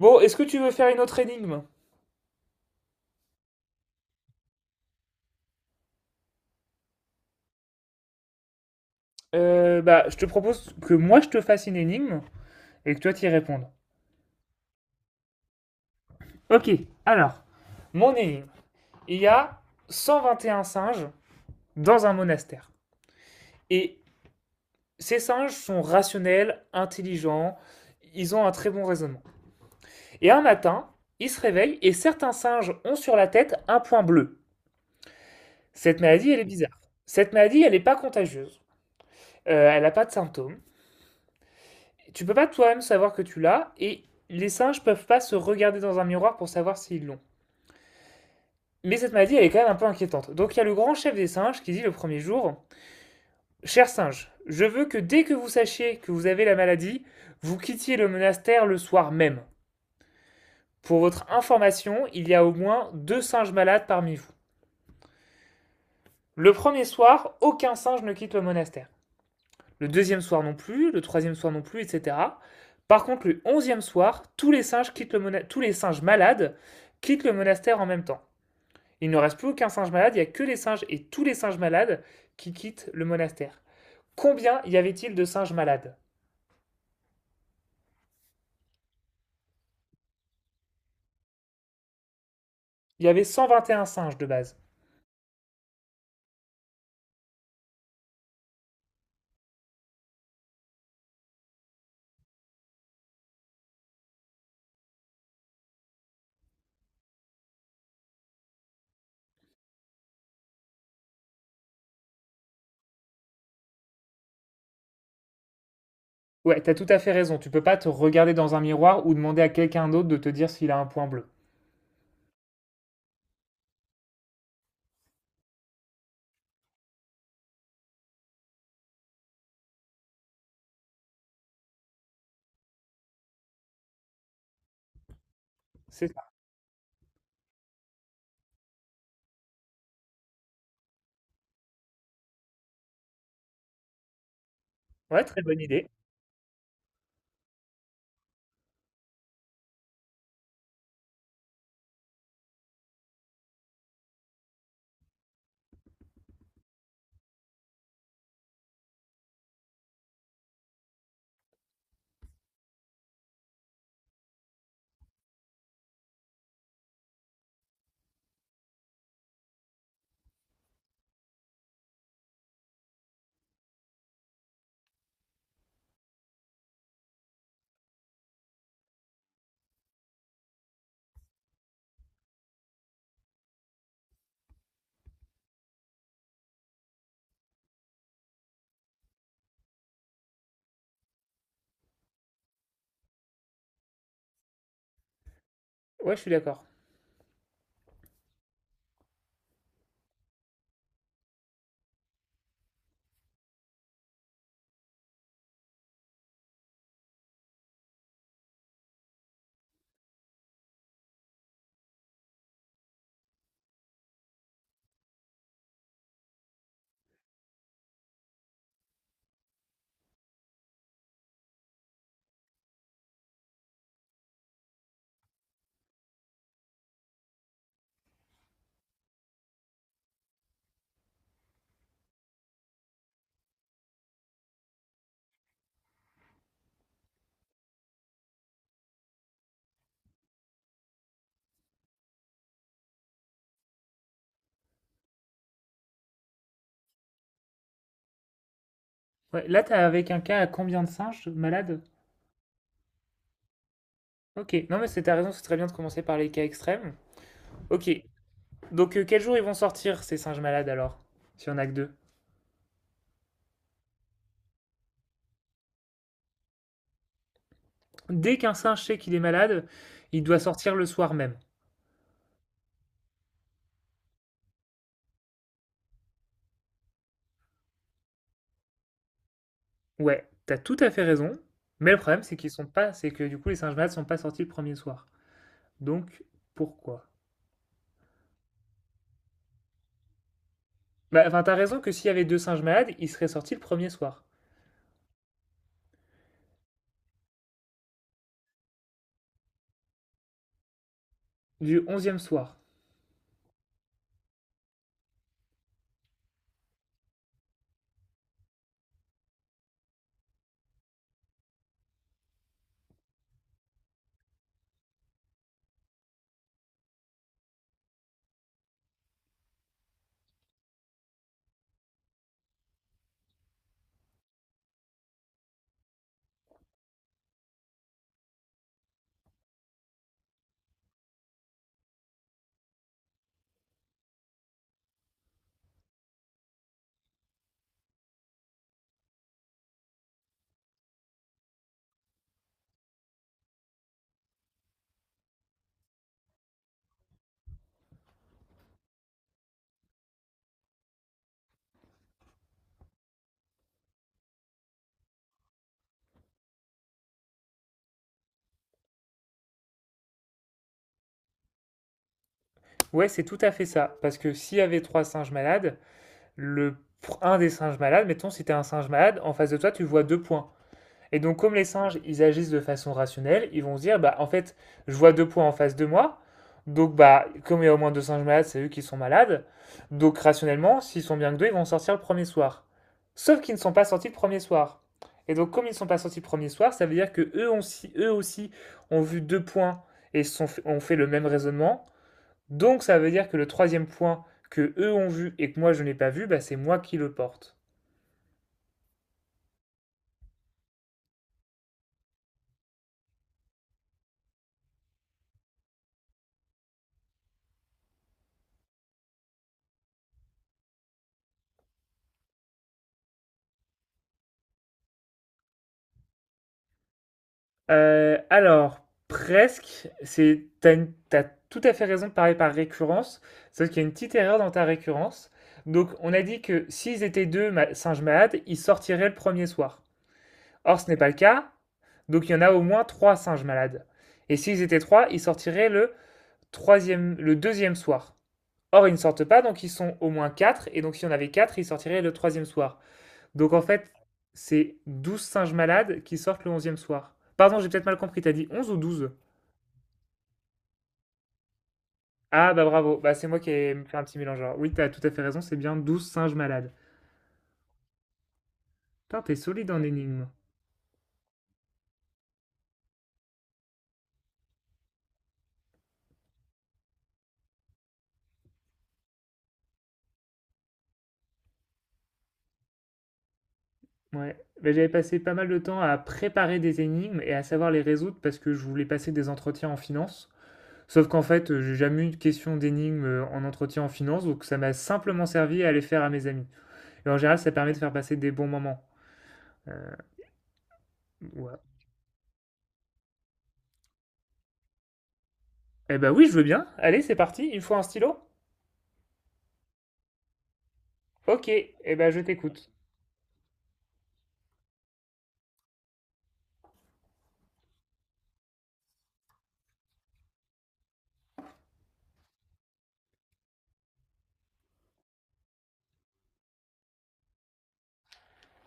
Bon, est-ce que tu veux faire une autre énigme? Je te propose que moi je te fasse une énigme et que toi t'y répondes. Ok, alors, mon énigme. Il y a 121 singes dans un monastère. Et ces singes sont rationnels, intelligents, ils ont un très bon raisonnement. Et un matin, ils se réveillent et certains singes ont sur la tête un point bleu. Cette maladie, elle est bizarre. Cette maladie, elle n'est pas contagieuse. Elle n'a pas de symptômes. Tu peux pas toi-même savoir que tu l'as, et les singes peuvent pas se regarder dans un miroir pour savoir s'ils l'ont. Mais cette maladie, elle est quand même un peu inquiétante. Donc il y a le grand chef des singes qui dit le premier jour: chers singes, je veux que dès que vous sachiez que vous avez la maladie, vous quittiez le monastère le soir même. Pour votre information, il y a au moins deux singes malades parmi vous. Le premier soir, aucun singe ne quitte le monastère. Le deuxième soir non plus, le troisième soir non plus, etc. Par contre, le onzième soir, tous les singes, quittent le tous les singes malades quittent le monastère en même temps. Il ne reste plus aucun singe malade, il n'y a que les singes et tous les singes malades qui quittent le monastère. Combien y avait-il de singes malades? Il y avait 121 singes de base. Ouais, t'as tout à fait raison, tu peux pas te regarder dans un miroir ou demander à quelqu'un d'autre de te dire s'il a un point bleu. C'est ça. Ouais, très bonne idée. Ouais, je suis d'accord. Ouais, là, t'as avec un cas à combien de singes malades? Ok, non mais c'est ta raison, c'est très bien de commencer par les cas extrêmes. Ok, donc quel jour ils vont sortir ces singes malades alors? S'il y en a que deux. Dès qu'un singe sait qu'il est malade, il doit sortir le soir même. Ouais, t'as tout à fait raison, mais le problème c'est qu'ils sont pas, c'est que du coup les singes malades sont pas sortis le premier soir. Donc pourquoi? Bah enfin t'as raison que s'il y avait deux singes malades, ils seraient sortis le premier soir, du onzième soir. Ouais, c'est tout à fait ça, parce que s'il y avait trois singes malades, le un des singes malades, mettons si t'es un singe malade, en face de toi tu vois deux points. Et donc, comme les singes, ils agissent de façon rationnelle, ils vont se dire, bah, en fait, je vois deux points en face de moi. Donc, bah, comme il y a au moins deux singes malades, c'est eux qui sont malades. Donc, rationnellement, s'ils sont bien que deux, ils vont sortir le premier soir. Sauf qu'ils ne sont pas sortis le premier soir. Et donc, comme ils ne sont pas sortis le premier soir, ça veut dire que eux, ont eux aussi ont vu deux points et sont ont fait le même raisonnement. Donc, ça veut dire que le troisième point que eux ont vu et que moi je n'ai pas vu, bah, c'est moi qui le porte. Alors, presque, t'as tout à fait raison de parler par récurrence, sauf qu'il y a une petite erreur dans ta récurrence. Donc, on a dit que s'ils étaient singes malades, ils sortiraient le premier soir. Or, ce n'est pas le cas, donc il y en a au moins trois singes malades. Et s'ils étaient trois, ils sortiraient le le deuxième soir. Or, ils ne sortent pas, donc ils sont au moins quatre, et donc si on avait quatre, ils sortiraient le troisième soir. Donc en fait, c'est 12 singes malades qui sortent le 11e soir. Pardon, j'ai peut-être mal compris, t'as dit 11 ou douze? Ah bah bravo, bah c'est moi qui ai fait un petit mélange. Alors oui, t'as tout à fait raison, c'est bien 12 singes malades. Putain, t'es solide en énigmes. Ouais. Bah, j'avais passé pas mal de temps à préparer des énigmes et à savoir les résoudre parce que je voulais passer des entretiens en finance. Sauf qu'en fait, j'ai jamais eu de question d'énigmes en entretien en finance, donc ça m'a simplement servi à les faire à mes amis. Et en général, ça permet de faire passer des bons moments. Euh, ouais. Eh ben oui, je veux bien. Allez, c'est parti. Il me faut un stylo. Ok, eh ben je t'écoute.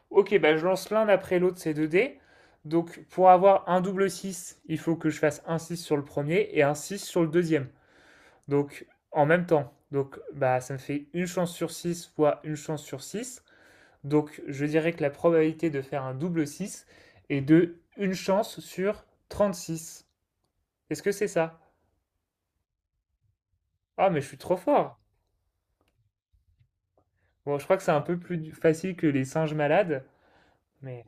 Ok, ben je lance l'un après l'autre ces deux dés. Donc pour avoir un double 6, il faut que je fasse un 6 sur le premier et un 6 sur le deuxième. Donc en même temps. Donc bah ça me fait une chance sur 6 fois une chance sur 6. Donc je dirais que la probabilité de faire un double 6 est de une chance sur 36. Est-ce que c'est ça? Ah mais je suis trop fort. Bon, je crois que c'est un peu plus facile que les singes malades, mais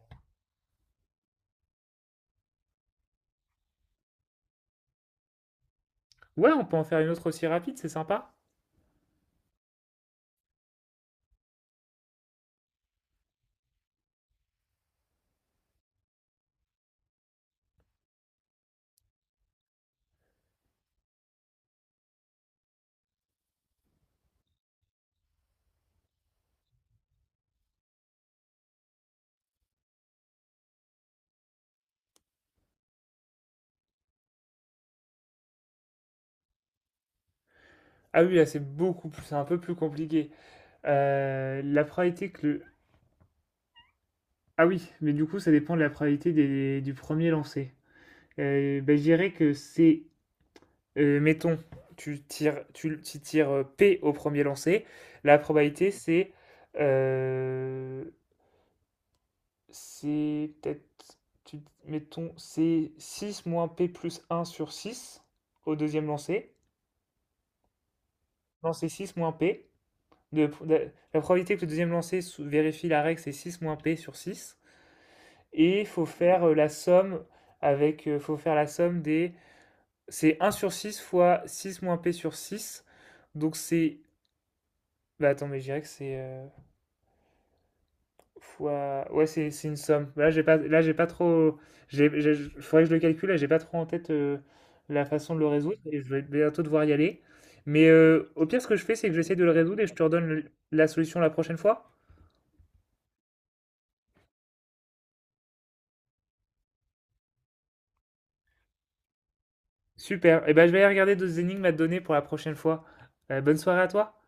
ouais, on peut en faire une autre aussi rapide, c'est sympa. Ah oui, là c'est beaucoup plus, c'est un peu plus compliqué. La probabilité que le... Ah oui, mais du coup ça dépend de la probabilité du premier lancé. Ben, je dirais que mettons, tu tires P au premier lancé. La probabilité euh, c'est peut-être, mettons, c'est 6 moins P plus un sur 6 au deuxième lancé. Non, c'est 6 moins P. La probabilité que le deuxième lancer vérifie la règle, c'est 6 moins P sur six. Et il faut faire la somme avec, faut faire c'est un sur 6 fois 6 moins P sur six. Donc bah attends, mais je dirais que c'est ouais, c'est une somme. Là, j'ai pas trop, j'ai, faudrait que je le calcule, là, j'ai pas trop en tête la façon de le résoudre et je vais bientôt devoir y aller. Mais au pire, ce que je fais, c'est que j'essaie de le résoudre et je te redonne la solution la prochaine fois. Super. Et ben, je vais aller regarder d'autres énigmes à te donner pour la prochaine fois. Bonne soirée à toi.